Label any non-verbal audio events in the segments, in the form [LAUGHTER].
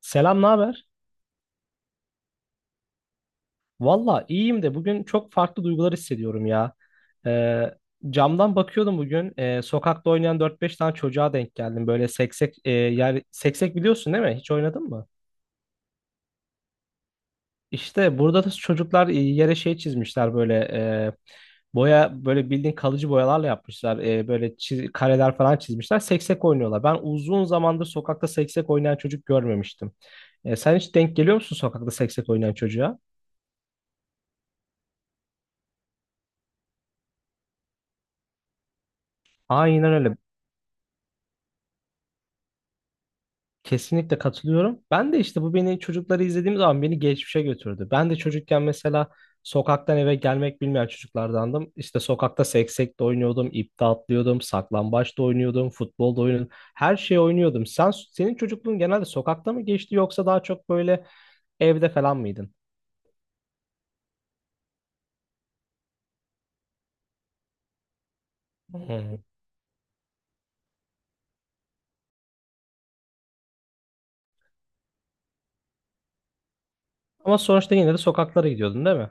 Selam, ne haber? Valla iyiyim de bugün çok farklı duygular hissediyorum ya. Ee, Camdan bakıyordum bugün. Sokakta oynayan dört beş tane çocuğa denk geldim. Böyle seksek, seksek biliyorsun değil mi? Hiç oynadın mı? İşte burada da çocuklar yere şey çizmişler böyle e, boya böyle bildiğin kalıcı boyalarla yapmışlar. Böyle kareler falan çizmişler. Seksek oynuyorlar. Ben uzun zamandır sokakta seksek oynayan çocuk görmemiştim. Sen hiç denk geliyor musun sokakta seksek oynayan çocuğa? Aynen öyle. Kesinlikle katılıyorum. Ben de işte bu beni çocukları izlediğim zaman beni geçmişe götürdü. Ben de çocukken mesela sokaktan eve gelmek bilmeyen çocuklardandım. İşte sokakta seksek de oynuyordum, ip de atlıyordum, saklambaç da oynuyordum, futbol da oynuyordum. Her şeyi oynuyordum. Senin çocukluğun genelde sokakta mı geçti yoksa daha çok böyle evde falan mıydın? Hı. hı. Ama sonuçta yine de sokaklara gidiyordun, değil mi?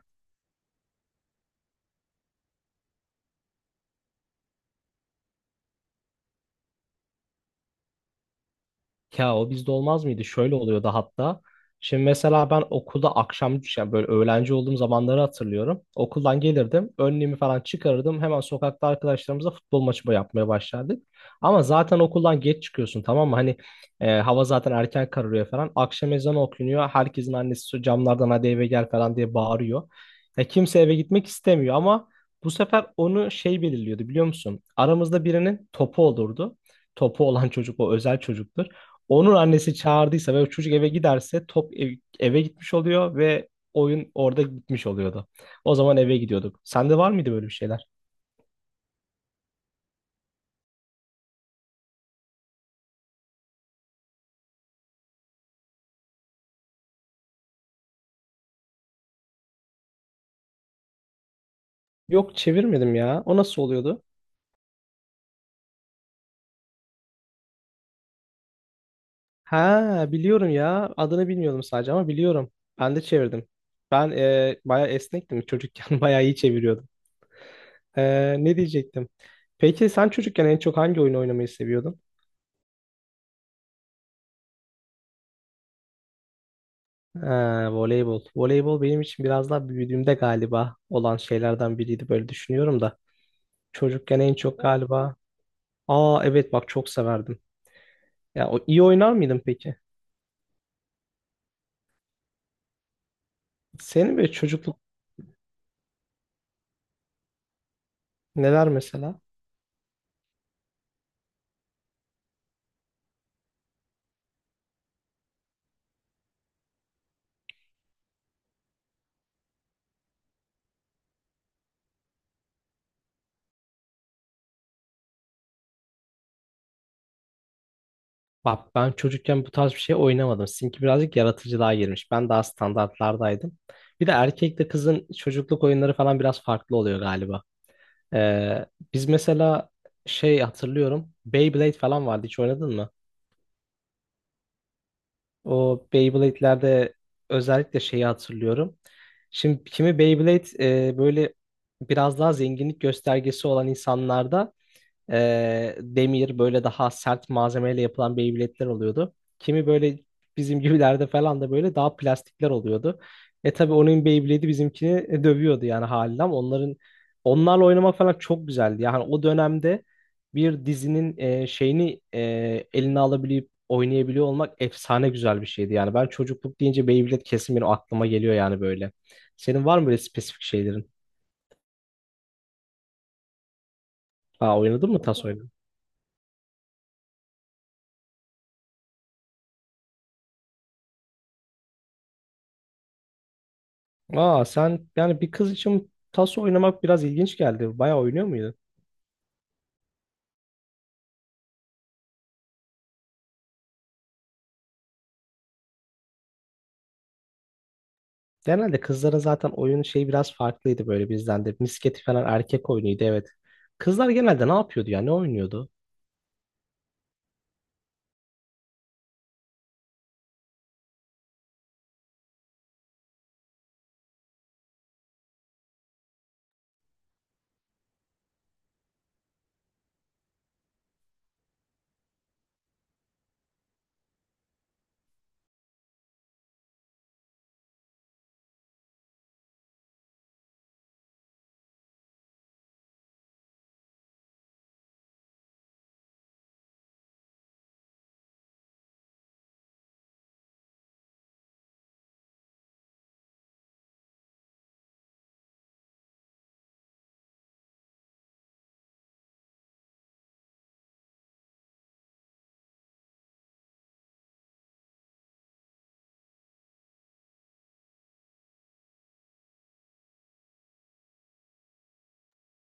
Ya o bizde olmaz mıydı? Şöyle oluyordu hatta. Şimdi mesela ben okulda akşam yani böyle öğlenci olduğum zamanları hatırlıyorum. Okuldan gelirdim. Önlüğümü falan çıkarırdım. Hemen sokakta arkadaşlarımızla futbol maçı yapmaya başlardık. Ama zaten okuldan geç çıkıyorsun tamam mı? Hani hava zaten erken kararıyor falan. Akşam ezanı okunuyor. Herkesin annesi camlardan hadi eve gel falan diye bağırıyor. Ya kimse eve gitmek istemiyor ama bu sefer onu şey belirliyordu biliyor musun? Aramızda birinin topu olurdu. Topu olan çocuk o özel çocuktur. Onun annesi çağırdıysa ve o çocuk eve giderse eve gitmiş oluyor ve oyun orada gitmiş oluyordu. O zaman eve gidiyorduk. Sende var mıydı böyle bir şeyler? Yok çevirmedim ya. O nasıl oluyordu? Ha biliyorum ya. Adını bilmiyordum sadece ama biliyorum. Ben de çevirdim. Ben bayağı esnektim çocukken. [LAUGHS] Bayağı iyi çeviriyordum. Ne diyecektim? Peki sen çocukken en çok hangi oyun oynamayı seviyordun? Ha, voleybol. Voleybol benim için biraz daha büyüdüğümde galiba olan şeylerden biriydi böyle düşünüyorum da. Çocukken en çok galiba... Aa evet bak çok severdim. Ya o iyi oynar mıydın peki? Senin böyle çocukluk neler mesela? Bak ben çocukken bu tarz bir şey oynamadım. Sizinki birazcık yaratıcılığa girmiş. Ben daha standartlardaydım. Bir de erkekle kızın çocukluk oyunları falan biraz farklı oluyor galiba. Ee, Biz mesela şey hatırlıyorum. Beyblade falan vardı. Hiç oynadın mı? O Beyblade'lerde özellikle şeyi hatırlıyorum. Şimdi kimi Beyblade böyle biraz daha zenginlik göstergesi olan insanlarda demir böyle daha sert malzemeyle yapılan Beyblade'ler oluyordu. Kimi böyle bizim gibilerde falan da böyle daha plastikler oluyordu. E tabii onun Beyblade'i bizimkini dövüyordu yani haliyle ama onlarla oynamak falan çok güzeldi. Yani o dönemde bir dizinin şeyini eline alabilip oynayabiliyor olmak efsane güzel bir şeydi. Yani ben çocukluk deyince Beyblade kesin benim aklıma geliyor yani böyle. Senin var mı böyle spesifik şeylerin? Ha oynadın mı tas Aa sen yani bir kız için taso oynamak biraz ilginç geldi. Bayağı oynuyor muydun? Genelde kızların zaten oyunu şey biraz farklıydı böyle bizden de. Misketi falan erkek oyunuydu evet. Kızlar genelde ne yapıyordu ya? Ne oynuyordu?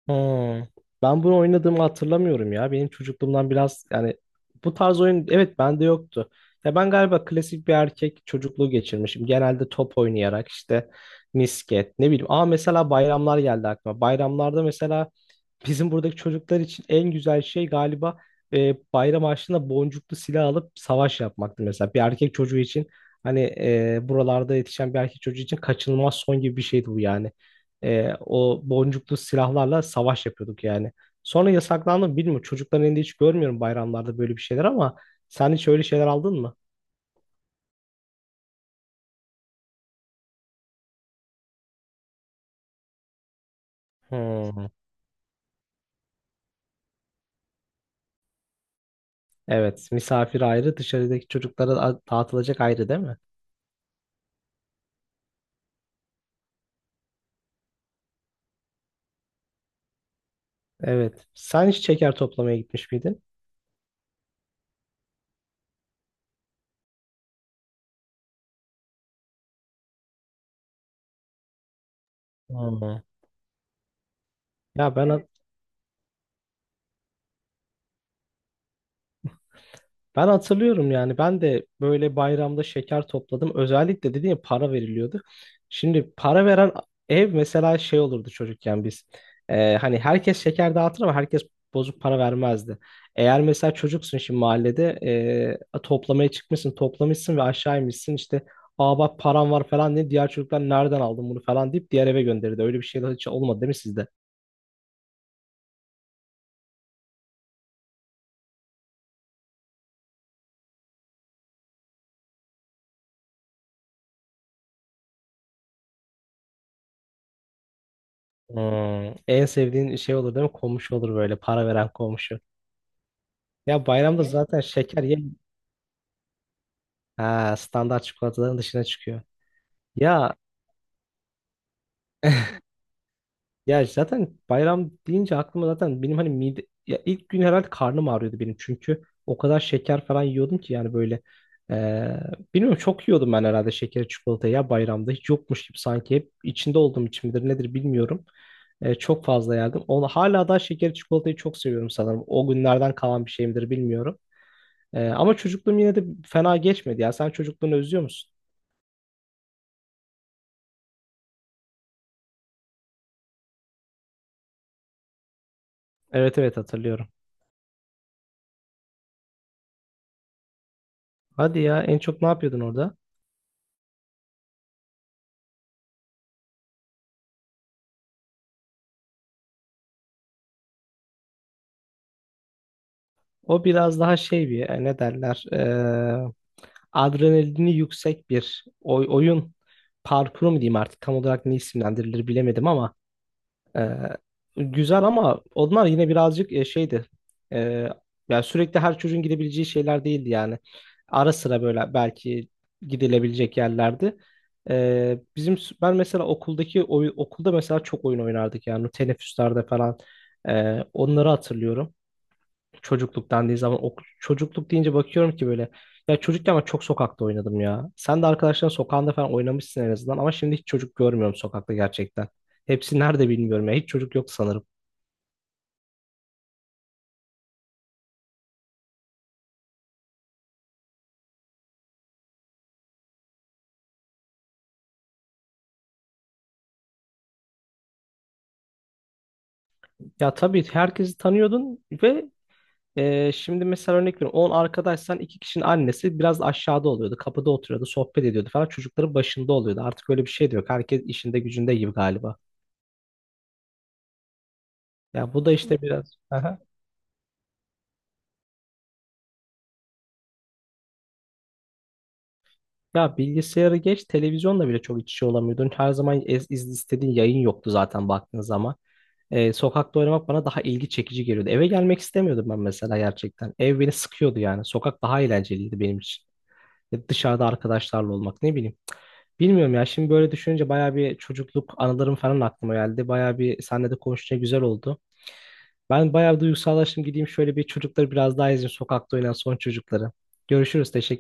Hmm. Ben bunu oynadığımı hatırlamıyorum ya. Benim çocukluğumdan biraz yani bu tarz oyun evet bende yoktu. Ya ben galiba klasik bir erkek çocukluğu geçirmişim. Genelde top oynayarak işte misket ne bileyim. Aa mesela bayramlar geldi aklıma. Bayramlarda mesela bizim buradaki çocuklar için en güzel şey galiba bayram harçlığında boncuklu silah alıp savaş yapmaktı mesela. Bir erkek çocuğu için hani buralarda yetişen bir erkek çocuğu için kaçınılmaz son gibi bir şeydi bu yani. O boncuklu silahlarla savaş yapıyorduk yani. Sonra yasaklandı mı bilmiyorum. Çocukların elinde hiç görmüyorum bayramlarda böyle bir şeyler ama sen hiç öyle şeyler aldın mı? Hmm. Evet, misafir ayrı, dışarıdaki çocuklara dağıtılacak ayrı değil mi? Evet. Sen hiç şeker toplamaya gitmiş miydin? Hmm. Ya ben Ben hatırlıyorum yani ben de böyle bayramda şeker topladım. Özellikle dediğim ya para veriliyordu. Şimdi para veren ev mesela şey olurdu çocukken biz. Hani herkes şeker dağıtır ama herkes bozuk para vermezdi. Eğer mesela çocuksun şimdi mahallede toplamaya çıkmışsın toplamışsın ve aşağı inmişsin işte aa bak param var falan diye diğer çocuklar nereden aldın bunu falan deyip diğer eve gönderirdi. Öyle bir şey de hiç olmadı değil mi sizde? Hmm, en sevdiğin şey olur değil mi? Komşu olur böyle para veren komşu. Bayramda Evet. zaten şeker ye Ha, standart çikolataların dışına çıkıyor. Ya [LAUGHS] ya zaten bayram deyince aklıma zaten benim hani mide ya ilk gün herhalde karnım ağrıyordu benim çünkü o kadar şeker falan yiyordum ki yani böyle eee bilmiyorum çok yiyordum ben herhalde şekeri çikolatayı ya bayramda hiç yokmuş gibi sanki hep içinde olduğum için midir nedir bilmiyorum. Çok fazla yerdim. Onu hala da şekeri çikolatayı çok seviyorum sanırım. O günlerden kalan bir şey midir bilmiyorum. Ama çocukluğum yine de fena geçmedi ya. Sen çocukluğunu özlüyor musun? Evet evet hatırlıyorum. Hadi ya en çok ne yapıyordun orada? O biraz daha şey bir ne derler adrenalini yüksek bir oyun parkuru mu diyeyim artık tam olarak ne isimlendirilir bilemedim ama e, güzel ama onlar yine birazcık şeydi e, yani sürekli her çocuğun gidebileceği şeyler değildi yani ara sıra böyle belki gidilebilecek yerlerdi. Bizim ben mesela okuldaki okulda mesela çok oyun oynardık yani teneffüslerde falan. Onları hatırlıyorum. Çocukluk dendiği zaman çocukluk deyince bakıyorum ki böyle ya çocukken ben çok sokakta oynadım ya. Sen de arkadaşların sokağında falan oynamışsın en azından ama şimdi hiç çocuk görmüyorum sokakta gerçekten. Hepsi nerede bilmiyorum ya. Hiç çocuk yok sanırım. Ya tabii herkesi tanıyordun ve şimdi mesela örnek veriyorum 10 arkadaşsan iki kişinin annesi biraz aşağıda oluyordu. Kapıda oturuyordu, sohbet ediyordu falan. Çocukların başında oluyordu. Artık öyle bir şey de yok. Herkes işinde gücünde gibi galiba. Ya bu da işte biraz. [LAUGHS] Ya bilgisayarı geç, televizyonla bile çok iç içe olamıyordun. Her zaman istediğin yayın yoktu zaten baktığın zaman. Sokakta oynamak bana daha ilgi çekici geliyordu. Eve gelmek istemiyordum ben mesela gerçekten. Ev beni sıkıyordu yani. Sokak daha eğlenceliydi benim için. Ya dışarıda arkadaşlarla olmak ne bileyim. Bilmiyorum ya şimdi böyle düşününce baya bir çocukluk anılarım falan aklıma geldi. Baya bir seninle de konuşunca güzel oldu. Ben bayağı bir duygusallaştım gideyim şöyle bir çocukları biraz daha izleyeyim sokakta oynayan son çocukları. Görüşürüz. Teşekkür